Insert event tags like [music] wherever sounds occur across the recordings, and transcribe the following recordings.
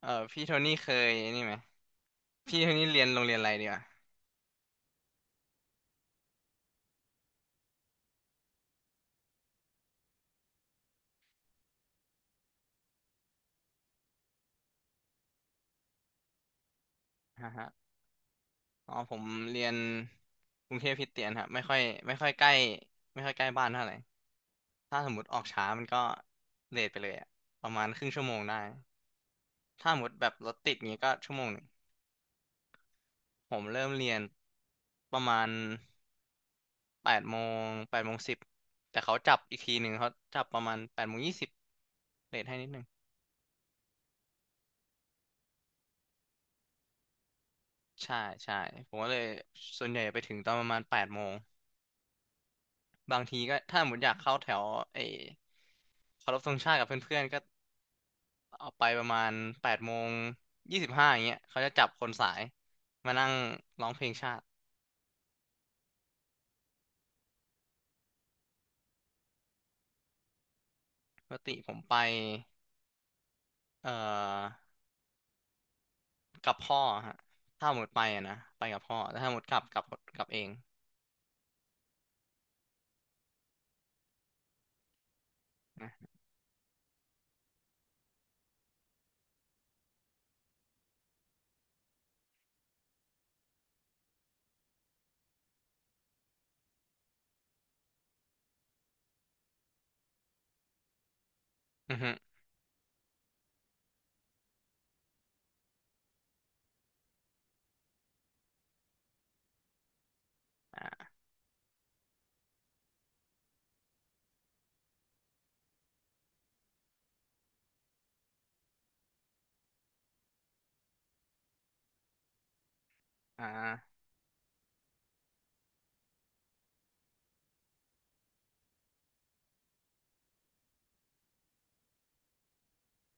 เออพี่โทนี่เคยนี่ไหมพี่โทนี่เรียนโรงเรียนอะไรดีวะฮะฮะอ๋อผมเรียนกรุงเทพคริสเตียนครับไม่ค่อยใกล้ไม่ค่อยใกล้บ้านเท่าไหร่ถ้าสมมติออกช้ามันก็เลทไปเลยอะประมาณครึ่งชั่วโมงได้ถ้าสมมติแบบรถติดเงี้ยก็ชั่วโมงหนึ่งผมเริ่มเรียนประมาณแปดโมง8 โมง 10แต่เขาจับอีกทีหนึ่งเขาจับประมาณแปดโมงยี่สิบเลทให้นิดหนึ่งใช่ใช่ผมก็เลยส่วนใหญ่ไปถึงตอนประมาณแปดโมง บางทีก็ถ้าสมมติอยากเข้าแถวไอ้เคารพธงชาติกับเพื่อนๆก็ออกไปประมาณ8 โมง 25อย่างเงี้ยเขาจะจับคนสายมานั่งร้องเพลงชาติปกติผมไปเอ่อกับพ่อฮะถ้าหมดไปอะนะไปกับพ่อแต่ถ้าหมดกลับเองนะอือฮึอ่าอ่า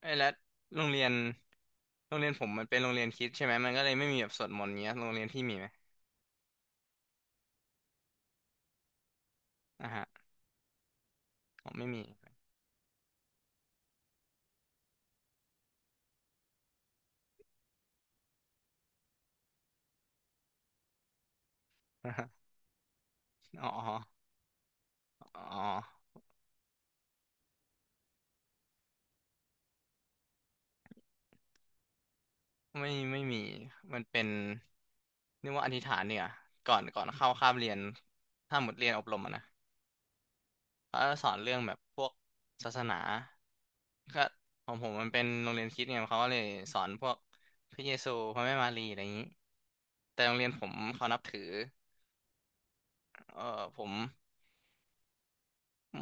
เอ้ยแล้วโรงเรียนผมมันเป็นโรงเรียนคริสต์ใช่ไหมมันก็เลยไม่มีแบบสวดมนต์เงี้ยโรงเรียนที่มีไหมอ่าฮะอ๋อไม่มี [laughs] อ่าฮะอ๋ออ๋อ ไม่ไม่มีมันเป็นเรียกว่าอธิษฐานเนี่ยก่อนเข้าคาบเรียนถ้าหมดเรียนอบรมอะนะเขาจะสอนเรื่องแบบพวกศาสนาก็ของผมมันเป็นโรงเรียนคริสต์ไงเขาก็เลยสอนพวกพระเยซูพระแม่มารีอะไรอย่างนี้แต่โรงเรียนผมเขานับถือเออผม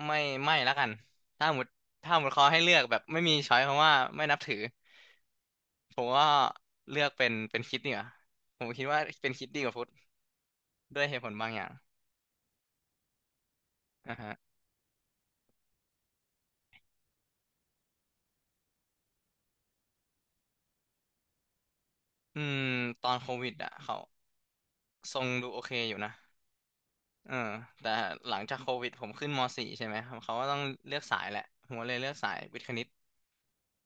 ไม่ไม่ละกันถ้าหมดถ้าหมดเขาให้เลือกแบบไม่มีช้อยเพราะว่าไม่นับถือผมก็เลือกเป็นคริสต์เนี่ยผมคิดว่าเป็นคริสต์ดีกว่าพุทธด้วยเหตุผลบางอย่าง อ่าฮะอืมตอนโควิดอ่ะเขาทรงดูโอเคอยู่นะเออแต่หลังจากโควิดผมขึ้นม .4 ใช่ไหมครับเขาก็ต้องเลือกสายแหละผมก็เลยเลือกสายวิทย์คณิต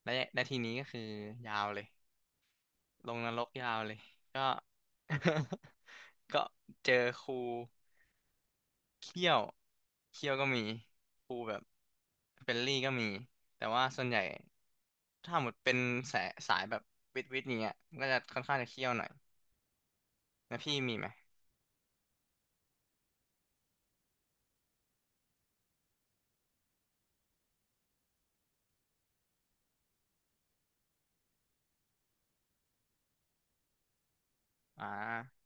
และทีนี้ก็คือยาวเลย ลงนรกยาวเลย ก็ [laughs] ก็เจอครูเคี่ยวเคี่ยวก็มีครูแบบเฟรนลี่ก็มี แต่ว่าส่วนใหญ่ถ้าหมดเป็นสายแบบวิทย์เนี้ยมันก็จะค่อนข้างจะเคี่ยวหน่อยแล้วพี่มีไหมอ่า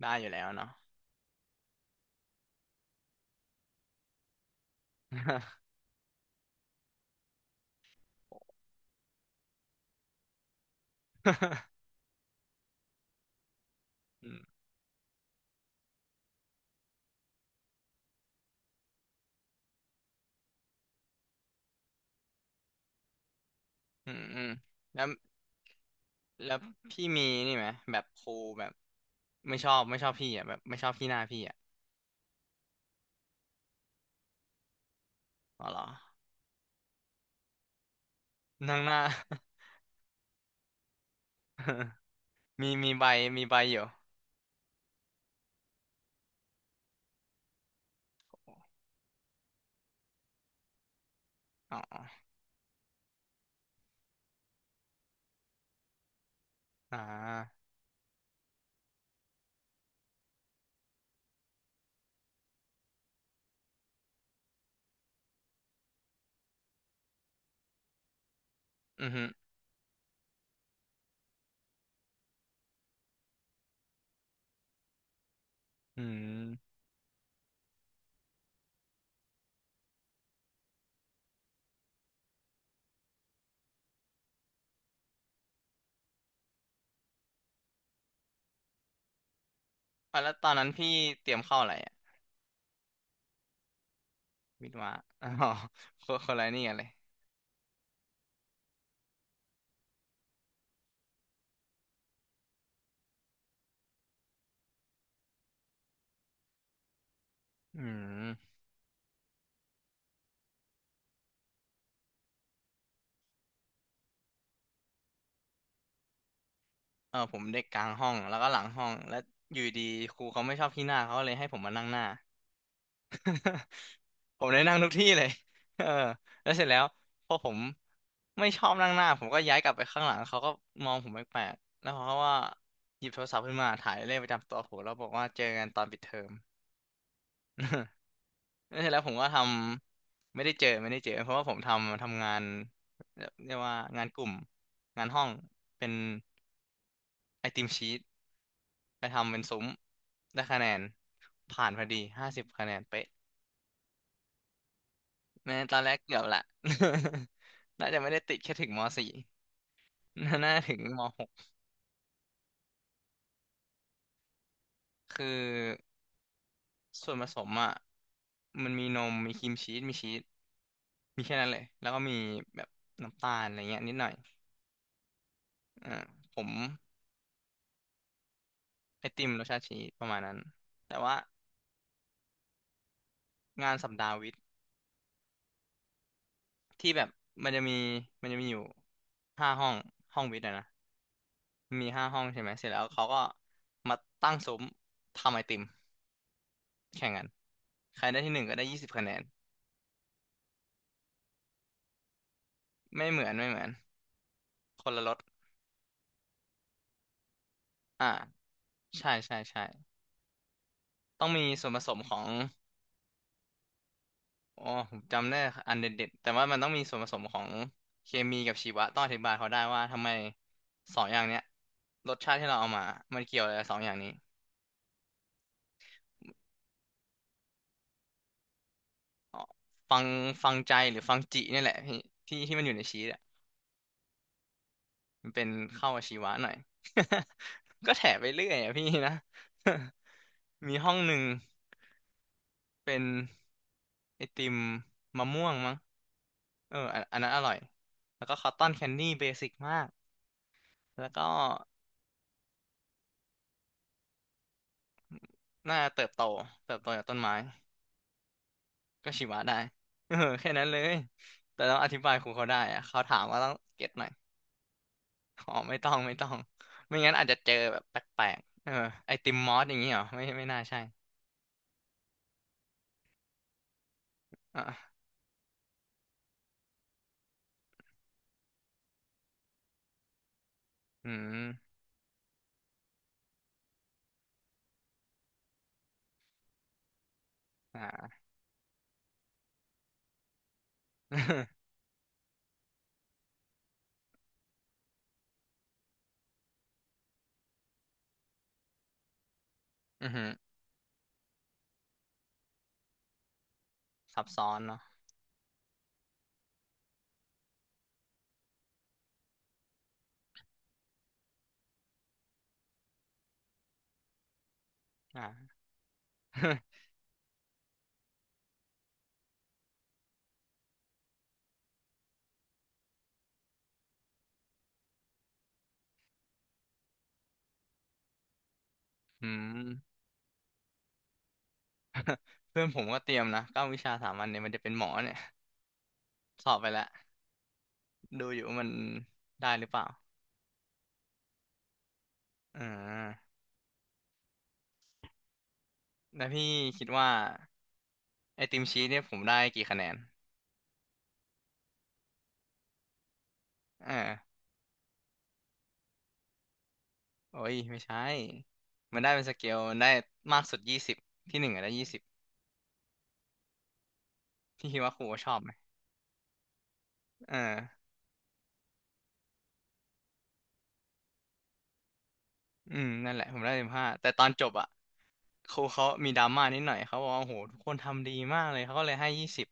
ได้อยู่แล้วเนาะ [laughs] อืมอืมอืมแล้วแล้วพี่มีนี่ไหมแบบครูแบบไม่ชอบพี่อ่ะแบบไม่ชอบพี่หน้าพี่อ่ะอ๋อเหรอนั่งหน้า [laughs] มีใบมีใบอยู่อ๋ออ่าอือฮึอืมอ่ะแล้วตอนนั้นพี่เตรียมเข้าอะไรอ่ะวิทย์วะอ๋อคนละนี่กันเลยอืมเออผมเด็กกลางห้อง แล้วก็หลังห้อง แล้วอยู่ดีครูเขาไม่ชอบพี่หน้าเขาเลยให้ผมมานั่งหน้า [laughs] ผมได้นั่งทุกที่เลย [laughs] เออแล้วเสร็จแล้วพอผมไม่ชอบนั่งหน้าผมก็ย้ายกลับไปข้างหลังเขาก็มองผมแปลกๆแล้วเขาก็ว่าหยิบโทรศัพท์ขึ้นมาถ่ายเลขประจำตัวผมแล้วบอกว่าเจอกันตอนปิดเทอม [laughs] แล้วเสร็จแล้วผมก็ทำไม่ได้เจอไม่ได้เจอเพราะว่าผมทำงานเรียกว่างานกลุ่มงานห้องเป็นไอติมชีตไปทำเป็นซุ้มได้คะแนนผ่านพอดี50 คะแนนเป๊ะ แม้ตอนแรกเกือบละ [laughs] น่าจะไม่ได้ติดแค่ถึงม.4 [laughs] น่าถึงม.6คือส่วนผสมอ่ะมันมีนม มีครีมชีสมีชีสมีแค่นั้นเลยแล้วก็มีแบบน้ำตาลอะไรเงี้ยนิดหน่อยอ่าผมไอติมรสชาติชีสประมาณนั้นแต่ว่างานสัปดาห์วิทย์ที่แบบมันจะมีมันจะมีอยู่ห้าห้องห้องวิทย์อะนะมีห้าห้องใช่ไหมเสร็จแล้วเขาก็มาตั้งซุ้มทำไอติมแข่งกันใครได้ที่หนึ่งก็ได้20 คะแนน ไม่เหมือนไม่เหมือนคนละรสอ่าใช่ใช่ใช่ต้องมีส่วนผสมของอ๋อผมจำได้อันเด็ดๆแต่ว่ามันต้องมีส่วนผสมของเคมีกับชีวะต้องอธิบายเขาได้ว่าทำไมสองอย่างเนี้ยรสชาติที่เราเอามามันเกี่ยวอะไรกับสองอย่างนี้อ๋อฟังฟังใจหรือฟังจิเนี่ยแหละพี่ที่ที่มันอยู่ในชีสอ่ะมันเป็นเข้ากับชีวะหน่อย [laughs] ก็แถไปเรื่อยอ่ะพี่นะ [laughs] มีห้องหนึ่งเป็นไอติมมะม่วงมั้ง เอออันนั้นอร่อยแล้วก็คอตตอนแคนดี้เบสิกมากแล้วก็น่าเติบโตจากต้นไม้ก็ชีวะได้ [laughs] เออแค่นั้นเลยแต่ต้องอธิบายครูเขาได้อะเขาถามว่าต้องเก็ตหน่อยอ๋อไม่ต้องไม่ต้อง ไม่งั้นอาจจะเจอแบบแปลกๆเออไอติมมอสอย่างนี้เหรอไม่น่าใช่อ่ะอืมอ่า [laughs] อือหือซับซ้อนเนาะอ่า [laughs] อืมเพื่อนผมก็เตรียมนะ9 วิชาสามัญเนี่ยมันจะเป็นหมอเนี่ยสอบไปแล้วดูอยู่ว่ามันได้หรือเปล่า อ่าแล้วพี่คิดว่าไอติมชีสเนี่ยผมได้กี่คะแนนอ่าโอ้ยไม่ใช่มันได้เป็นสเกลมันได้มากสุดยี่สิบที่หนึ่งอะได้ยี่สิบพี่คิดว่าครูเขาชอบไหมอ่าอืมนั่นแหละผมได้สิบห้าแต่ตอนจบอะครูเขามีดราม่านิดหน่อยเขาบอกว่าโอ้โหทุกคนทำดีมากเลยเขาก็เลยให้ยี่สิบ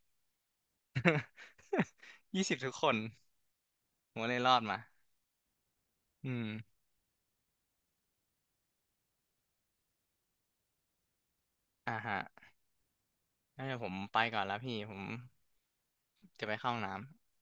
[laughs] 20 ทุกคนผมก็เลยรอดมาอืมอ่าฮะงั้นเดี๋ยวผมไปก่อนแล้วพี่ผมจะไปเข้าห้องน้ำ